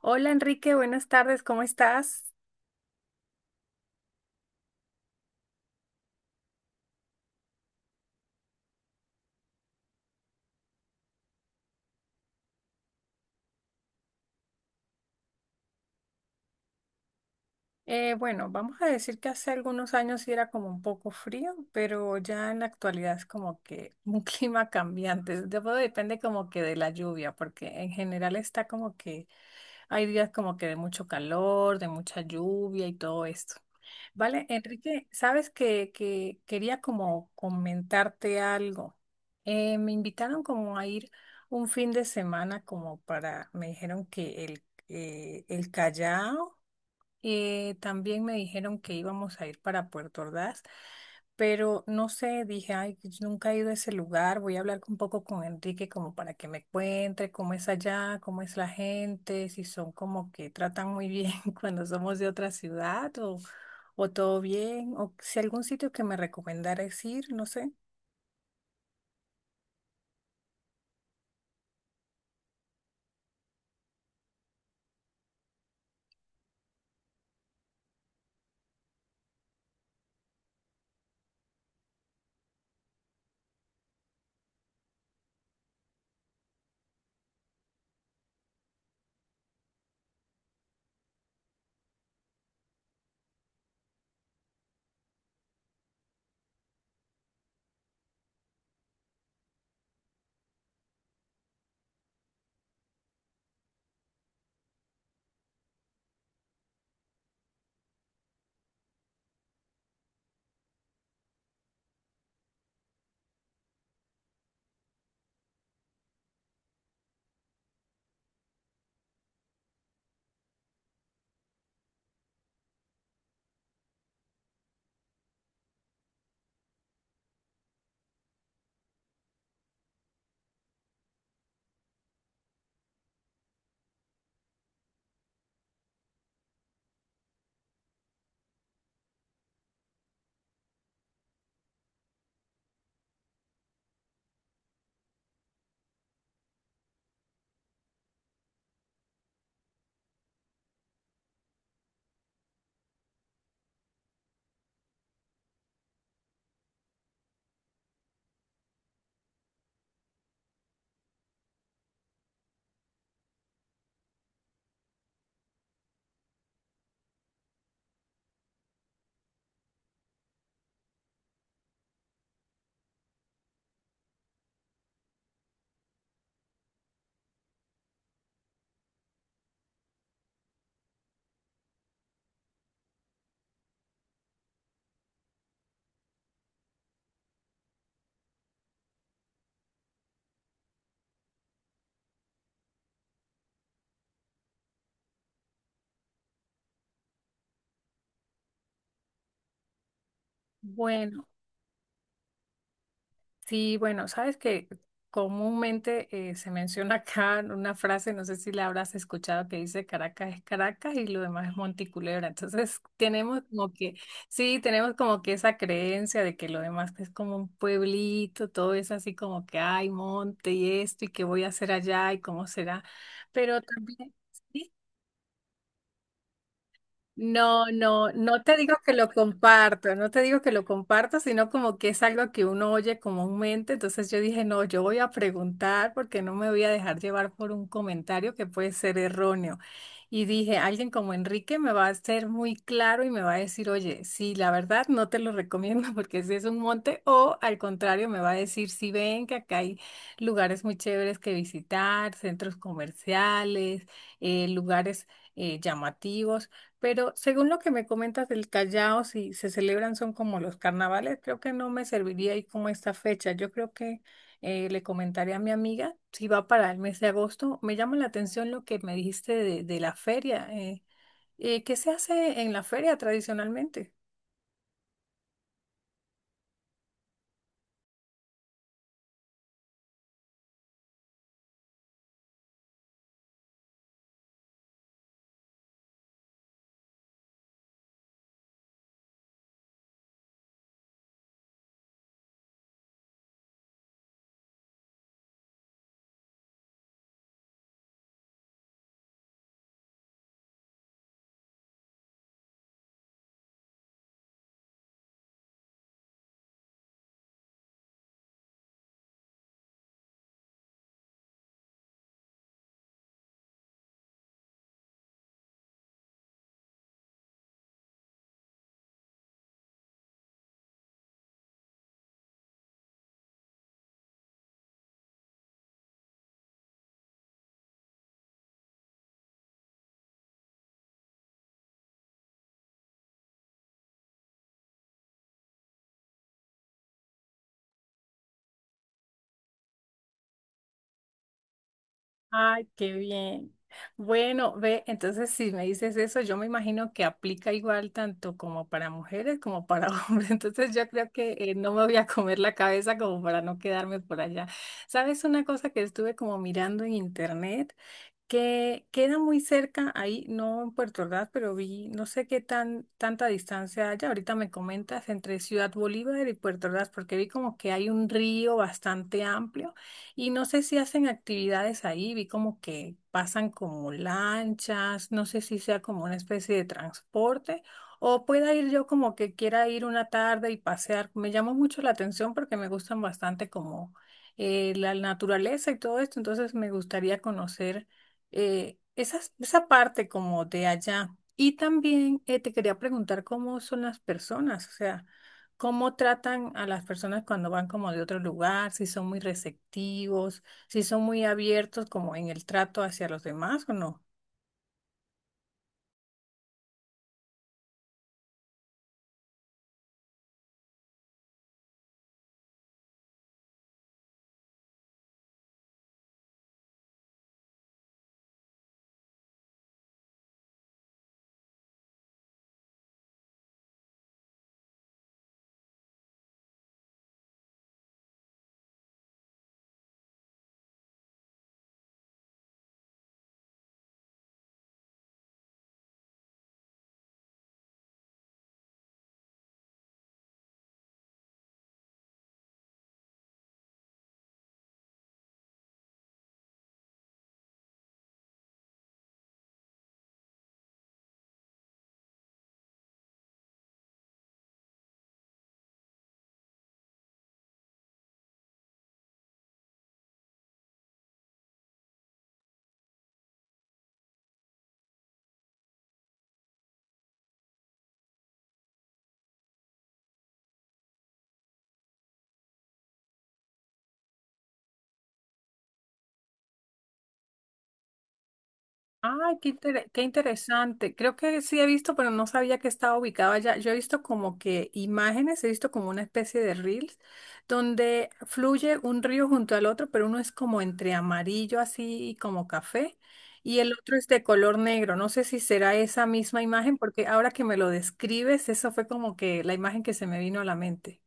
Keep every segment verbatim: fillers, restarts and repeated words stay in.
Hola Enrique, buenas tardes, ¿cómo estás? Eh, bueno, vamos a decir que hace algunos años sí era como un poco frío, pero ya en la actualidad es como que un clima cambiante. Debo- depende como que de la lluvia, porque en general está como que hay días como que de mucho calor, de mucha lluvia y todo esto. Vale, Enrique, sabes que, que quería como comentarte algo. Eh, me invitaron como a ir un fin de semana como para, me dijeron que el, eh, el Callao, eh, también me dijeron que íbamos a ir para Puerto Ordaz, pero no sé, dije, ay, yo nunca he ido a ese lugar, voy a hablar un poco con Enrique como para que me cuente cómo es allá, cómo es la gente, si son como que tratan muy bien cuando somos de otra ciudad o, o todo bien, o si algún sitio que me recomendaras ir, no sé. Bueno, sí, bueno, sabes que comúnmente eh, se menciona acá una frase, no sé si la habrás escuchado, que dice Caracas es Caracas y lo demás es Monte y Culebra. Entonces tenemos como que, sí, tenemos como que esa creencia de que lo demás es como un pueblito, todo es así como que hay monte y esto y qué voy a hacer allá y cómo será. Pero también... sí. No, no, no te digo que lo comparto, no te digo que lo comparto, sino como que es algo que uno oye comúnmente. Entonces yo dije, no, yo voy a preguntar porque no me voy a dejar llevar por un comentario que puede ser erróneo. Y dije, alguien como Enrique me va a ser muy claro y me va a decir, oye, sí, la verdad no te lo recomiendo porque si es un monte, o al contrario, me va a decir, sí, ven que acá hay lugares muy chéveres que visitar, centros comerciales, eh, lugares eh, llamativos. Pero según lo que me comentas del Callao, si se celebran son como los carnavales, creo que no me serviría ahí como esta fecha. Yo creo que eh, le comentaré a mi amiga si va para el mes de agosto. Me llama la atención lo que me dijiste de, de la feria. Eh, eh, ¿qué se hace en la feria tradicionalmente? Ay, qué bien. Bueno, ve, entonces si me dices eso, yo me imagino que aplica igual tanto como para mujeres como para hombres. Entonces yo creo que eh, no me voy a comer la cabeza como para no quedarme por allá. ¿Sabes una cosa que estuve como mirando en internet? Que queda muy cerca ahí, no en Puerto Ordaz, pero vi, no sé qué tan tanta distancia haya. Ahorita me comentas entre Ciudad Bolívar y Puerto Ordaz, porque vi como que hay un río bastante amplio y no sé si hacen actividades ahí, vi como que pasan como lanchas, no sé si sea como una especie de transporte o pueda ir yo como que quiera ir una tarde y pasear. Me llamó mucho la atención porque me gustan bastante como eh, la naturaleza y todo esto, entonces me gustaría conocer eh, esas- esa parte como de allá. Y también eh, te quería preguntar cómo son las personas, o sea, cómo tratan a las personas cuando van como de otro lugar, si son muy receptivos, si son muy abiertos como en el trato hacia los demás o no. Ay, qué, intere- qué interesante. Creo que sí he visto, pero no sabía que estaba ubicado allá. Yo he visto como que imágenes, he visto como una especie de reels donde fluye un río junto al otro, pero uno es como entre amarillo así y como café y el otro es de color negro. No sé si será esa misma imagen, porque ahora que me lo describes, eso fue como que la imagen que se me vino a la mente.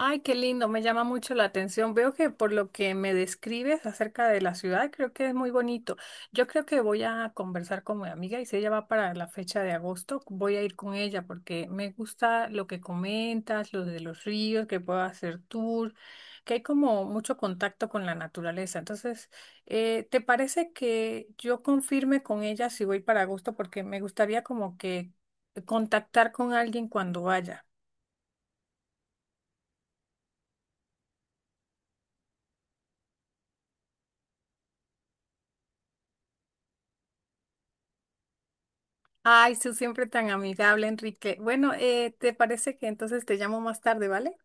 Ay, qué lindo, me llama mucho la atención. Veo que por lo que me describes acerca de la ciudad, creo que es muy bonito. Yo creo que voy a conversar con mi amiga y si ella va para la fecha de agosto, voy a ir con ella porque me gusta lo que comentas, lo de los ríos, que puedo hacer tour, que hay como mucho contacto con la naturaleza. Entonces, eh, ¿te parece que yo confirme con ella si voy para agosto? Porque me gustaría como que contactar con alguien cuando vaya. Ay, tú siempre tan amigable, Enrique. Bueno, eh, ¿te parece que entonces te llamo más tarde, ¿vale?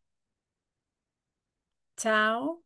Chao.